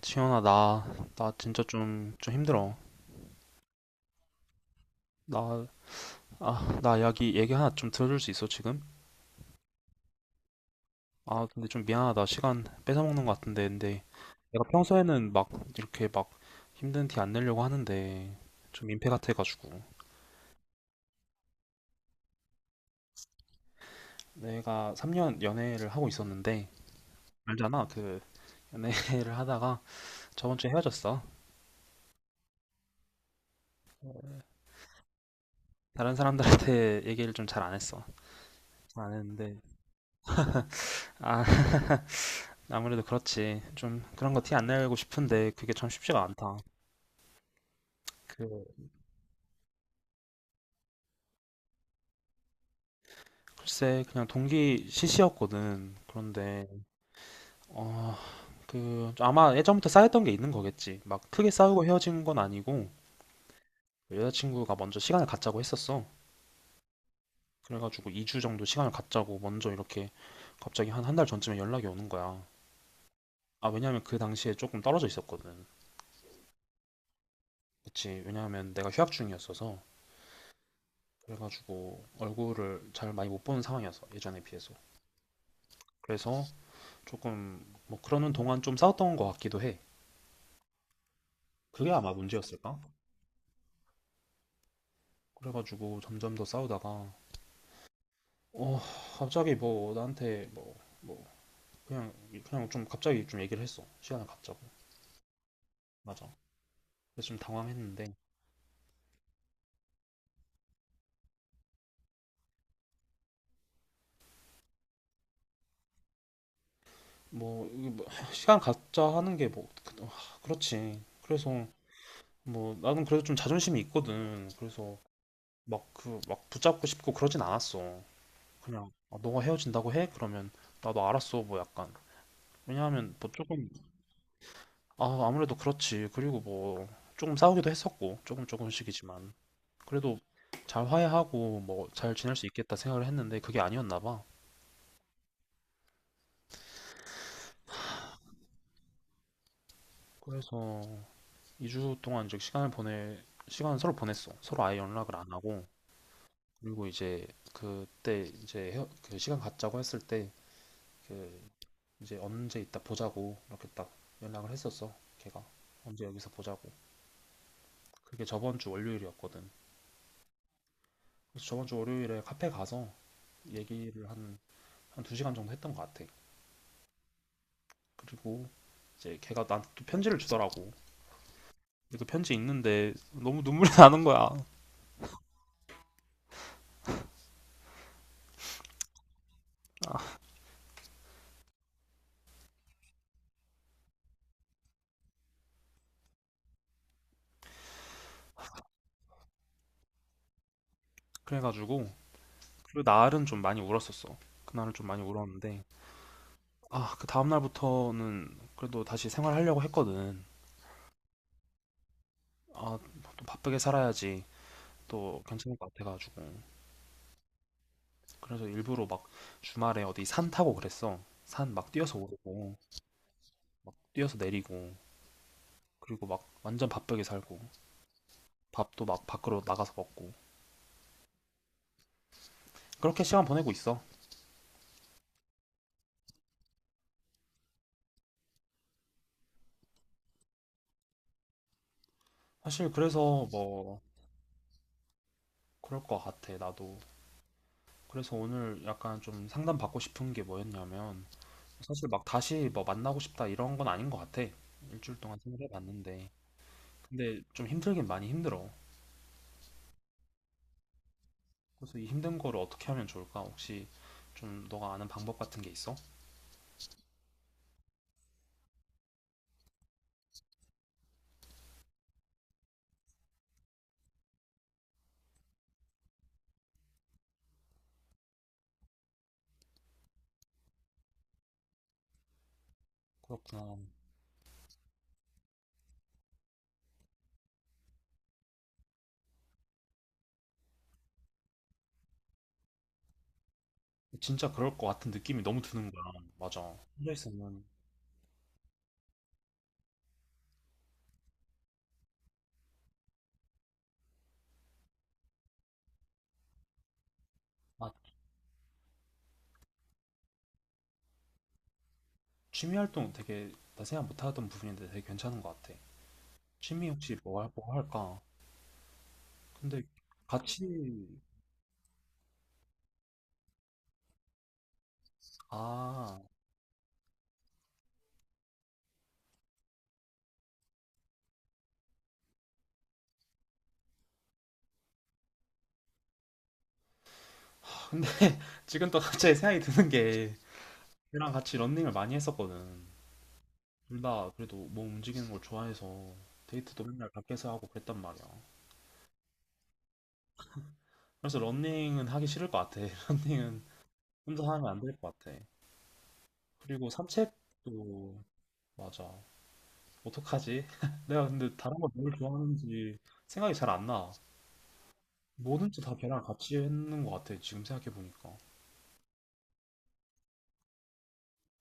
지현아, 나 진짜 좀 힘들어. 나, 나 얘기 하나 좀 들어줄 수 있어, 지금? 아, 근데 좀 미안하다. 시간 뺏어먹는 것 같은데. 근데 내가 평소에는 막, 이렇게 막 힘든 티 안 내려고 하는데, 좀 민폐 같아가지고. 내가 3년 연애를 하고 있었는데, 알잖아. 그, 연애를 하다가 저번 주에 헤어졌어. 다른 사람들한테 얘기를 좀 잘 안 했어. 잘 안 했는데, 아, 아무래도 그렇지. 좀 그런 거 티 안 내고 싶은데, 그게 참 쉽지가 않다. 그 글쎄 그냥 동기 시시였거든. 그런데 어, 그 아마 예전부터 쌓였던 게 있는 거겠지. 막 크게 싸우고 헤어진 건 아니고 여자친구가 먼저 시간을 갖자고 했었어. 그래가지고 2주 정도 시간을 갖자고 먼저 이렇게 갑자기 한 한 달 전쯤에 연락이 오는 거야. 아, 왜냐면 그 당시에 조금 떨어져 있었거든. 그치, 왜냐면 내가 휴학 중이었어서, 그래가지고 얼굴을 잘 많이 못 보는 상황이었어, 예전에 비해서. 그래서 조금 뭐 그러는 동안 좀 싸웠던 것 같기도 해. 그게 아마 문제였을까? 그래가지고 점점 더 싸우다가 어 갑자기 뭐 나한테 뭐 그냥 그냥 좀 갑자기 좀 얘기를 했어, 시간을 갖자고. 맞아. 그래서 좀 당황했는데 뭐, 이게 뭐 시간 갖자 하는 게뭐 그렇지. 그래서 뭐 나는 그래도 좀 자존심이 있거든. 그래서 막 그 막 붙잡고 싶고 그러진 않았어. 그냥 아, 너가 헤어진다고 해? 그러면 나도 알았어, 뭐 약간, 왜냐하면 뭐 조금, 아, 아무래도 그렇지. 그리고 뭐 조금 싸우기도 했었고, 조금 조금씩이지만, 그래도 잘 화해하고 뭐 잘 지낼 수 있겠다 생각을 했는데 그게 아니었나 봐. 그래서 2주 동안 이제 시간을 서로 보냈어. 서로 아예 연락을 안 하고. 그리고 이제 그때 이제 그 시간 갖자고 했을 때 그 이제 언제 이따 보자고 이렇게 딱 연락을 했었어, 걔가. 언제 여기서 보자고. 그게 저번 주 월요일이었거든. 그래서 저번 주 월요일에 카페 가서 얘기를 한 한 두 시간 정도 했던 것 같아. 그리고 이제 걔가 나한테 또 편지를 주더라고. 그래 편지 있는데 너무 눈물이 나는 거야. 아, 그래가지고 그 날은 좀 많이 울었었어. 그날은 좀 많이 울었는데, 아, 그 다음 날부터는 그래도 다시 생활하려고 했거든. 아, 또 바쁘게 살아야지, 또 괜찮을 것 같아가지고. 그래서 일부러 막 주말에 어디 산 타고 그랬어. 산 막 뛰어서 오르고 막 뛰어서 내리고, 그리고 막 완전 바쁘게 살고 밥도 막 밖으로 나가서 먹고, 그렇게 시간 보내고 있어. 사실 그래서 뭐 그럴 것 같아 나도. 그래서 오늘 약간 좀 상담받고 싶은 게 뭐였냐면, 사실 막 다시 뭐 만나고 싶다 이런 건 아닌 것 같아. 일주일 동안 생각해봤는데. 근데 좀 힘들긴 많이 힘들어. 그래서 이 힘든 거를 어떻게 하면 좋을까? 혹시 좀 너가 아는 방법 같은 게 있어? 그렇구나. 진짜 그럴 것 같은 느낌이 너무 드는 거야. 맞아. 혼자 있으면, 아, 취미 활동 되게 나 생각 못 하던 부분인데 되게 괜찮은 것 같아. 취미 혹시 뭐, 뭐 할까? 근데 같이, 아, 근데 지금 또 갑자기 생각이 드는 게 걔랑 같이 런닝을 많이 했었거든. 둘 다 그래도 몸 움직이는 걸 좋아해서 데이트도 맨날 밖에서 하고 그랬단 말이야. 그래서 런닝은 하기 싫을 것 같아. 런닝은 혼자 하면 안 될 것 같아. 그리고 산책도. 맞아. 어떡하지? 내가 근데 다른 걸 뭘 좋아하는지 생각이 잘 안 나. 뭐든지 다 걔랑 같이 했는 것 같아. 지금 생각해 보니까.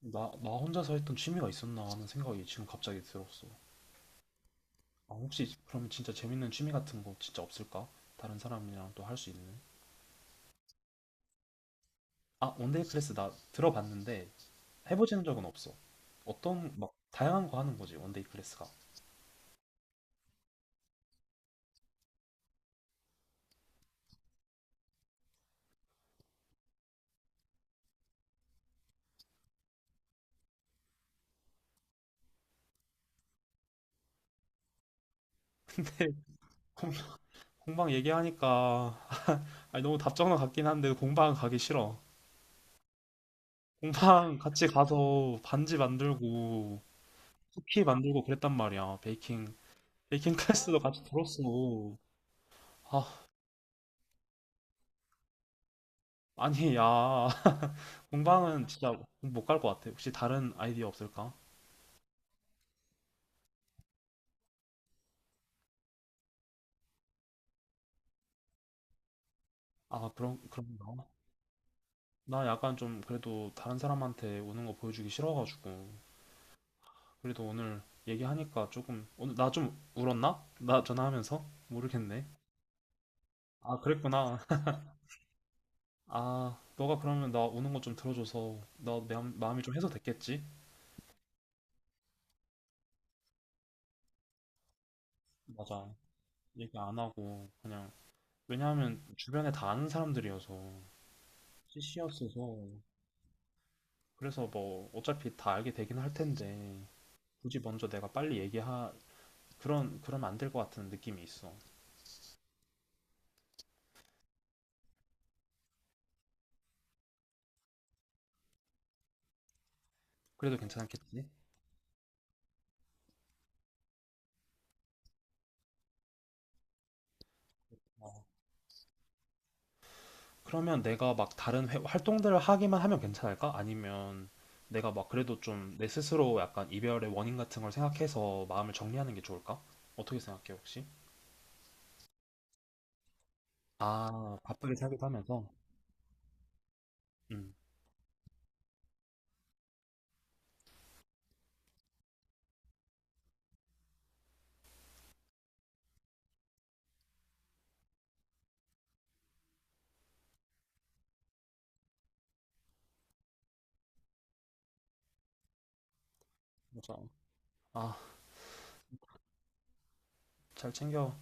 나 혼자서 했던 취미가 있었나 하는 생각이 지금 갑자기 들었어. 아, 혹시 그럼 진짜 재밌는 취미 같은 거 진짜 없을까? 다른 사람이랑 또 할 수 있는? 아, 원데이 클래스 나 들어봤는데 해보지는 적은 없어. 어떤 막 다양한 거 하는 거지, 원데이 클래스가. 공- 공방 얘기하니까, 아니, 너무 답정너 같긴 한데 공방 가기 싫어. 공방 같이 가서 반지 만들고 쿠키 만들고 그랬단 말이야. 베이킹 클래스도 같이 들었어. 아, 아니 야. 공방은 진짜 못 갈 것 같아. 혹시 다른 아이디어 없을까? 아, 그런가? 나 약간 좀 그래도 다른 사람한테 우는 거 보여주기 싫어가지고. 그래도 오늘 얘기하니까 조금, 오늘 나 좀 울었나? 나 전화하면서? 모르겠네. 아, 그랬구나. 아, 너가 그러면 나 우는 거 좀 들어줘서 나 마음이 좀 해소됐겠지? 맞아. 얘기 안 하고, 그냥. 왜냐하면 주변에 다 아는 사람들이어서, CC였어서. 그래서 뭐, 어차피 다 알게 되긴 할 텐데, 굳이 먼저 내가 빨리 그러면 안 될 것 같은 느낌이 있어. 그래도 괜찮겠지? 어, 그러면 내가 막 다른 활동들을 하기만 하면 괜찮을까? 아니면 내가 막 그래도 좀 내 스스로 약간 이별의 원인 같은 걸 생각해서 마음을 정리하는 게 좋을까? 어떻게 생각해, 혹시? 아, 바쁘게 살기도 하면서? 음, 맞아. 아, 잘 챙겨.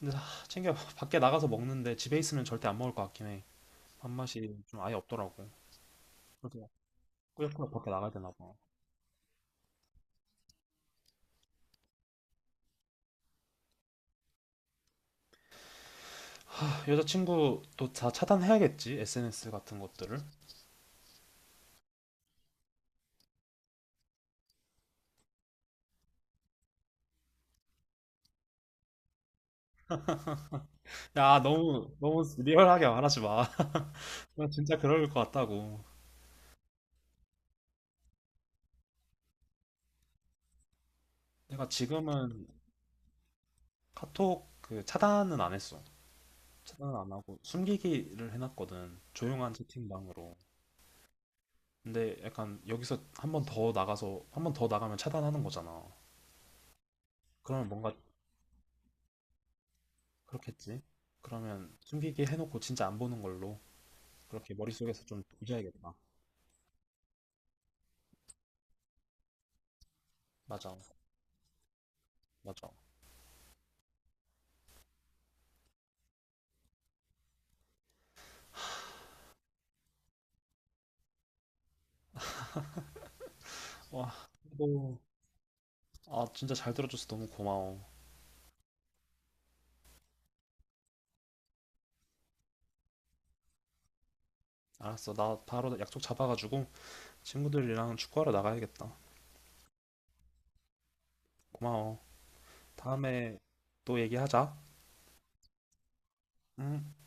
근데 아, 챙겨. 밖에 나가서 먹는데 집에 있으면 절대 안 먹을 것 같긴 해. 밥맛이 좀 아예 없더라고. 그래서 꾸역꾸역 밖에 나가야 되나 봐. 아, 여자친구 도 다 차단해야겠지? SNS 같은 것들을. 야, 너무, 너무 리얼하게 말하지 마. 나 진짜 그럴 것 같다고. 내가 지금은 카톡 그 차단은 안 했어. 차단은 안 하고 숨기기를 해놨거든. 조용한 채팅방으로. 근데 약간 여기서 한 번 더 나가서, 한 번 더 나가면 차단하는 거잖아. 그러면 뭔가 그렇겠지? 그러면 숨기기 해놓고 진짜 안 보는 걸로 그렇게 머릿속에서 좀 조져야겠다. 맞아, 맞아. 와, 너, 진짜 잘 들어줘서 너무 고마워. 알았어, 나 바로 약속 잡아가지고 친구들이랑 축구하러 나가야겠다. 고마워. 다음에 또 얘기하자. 응.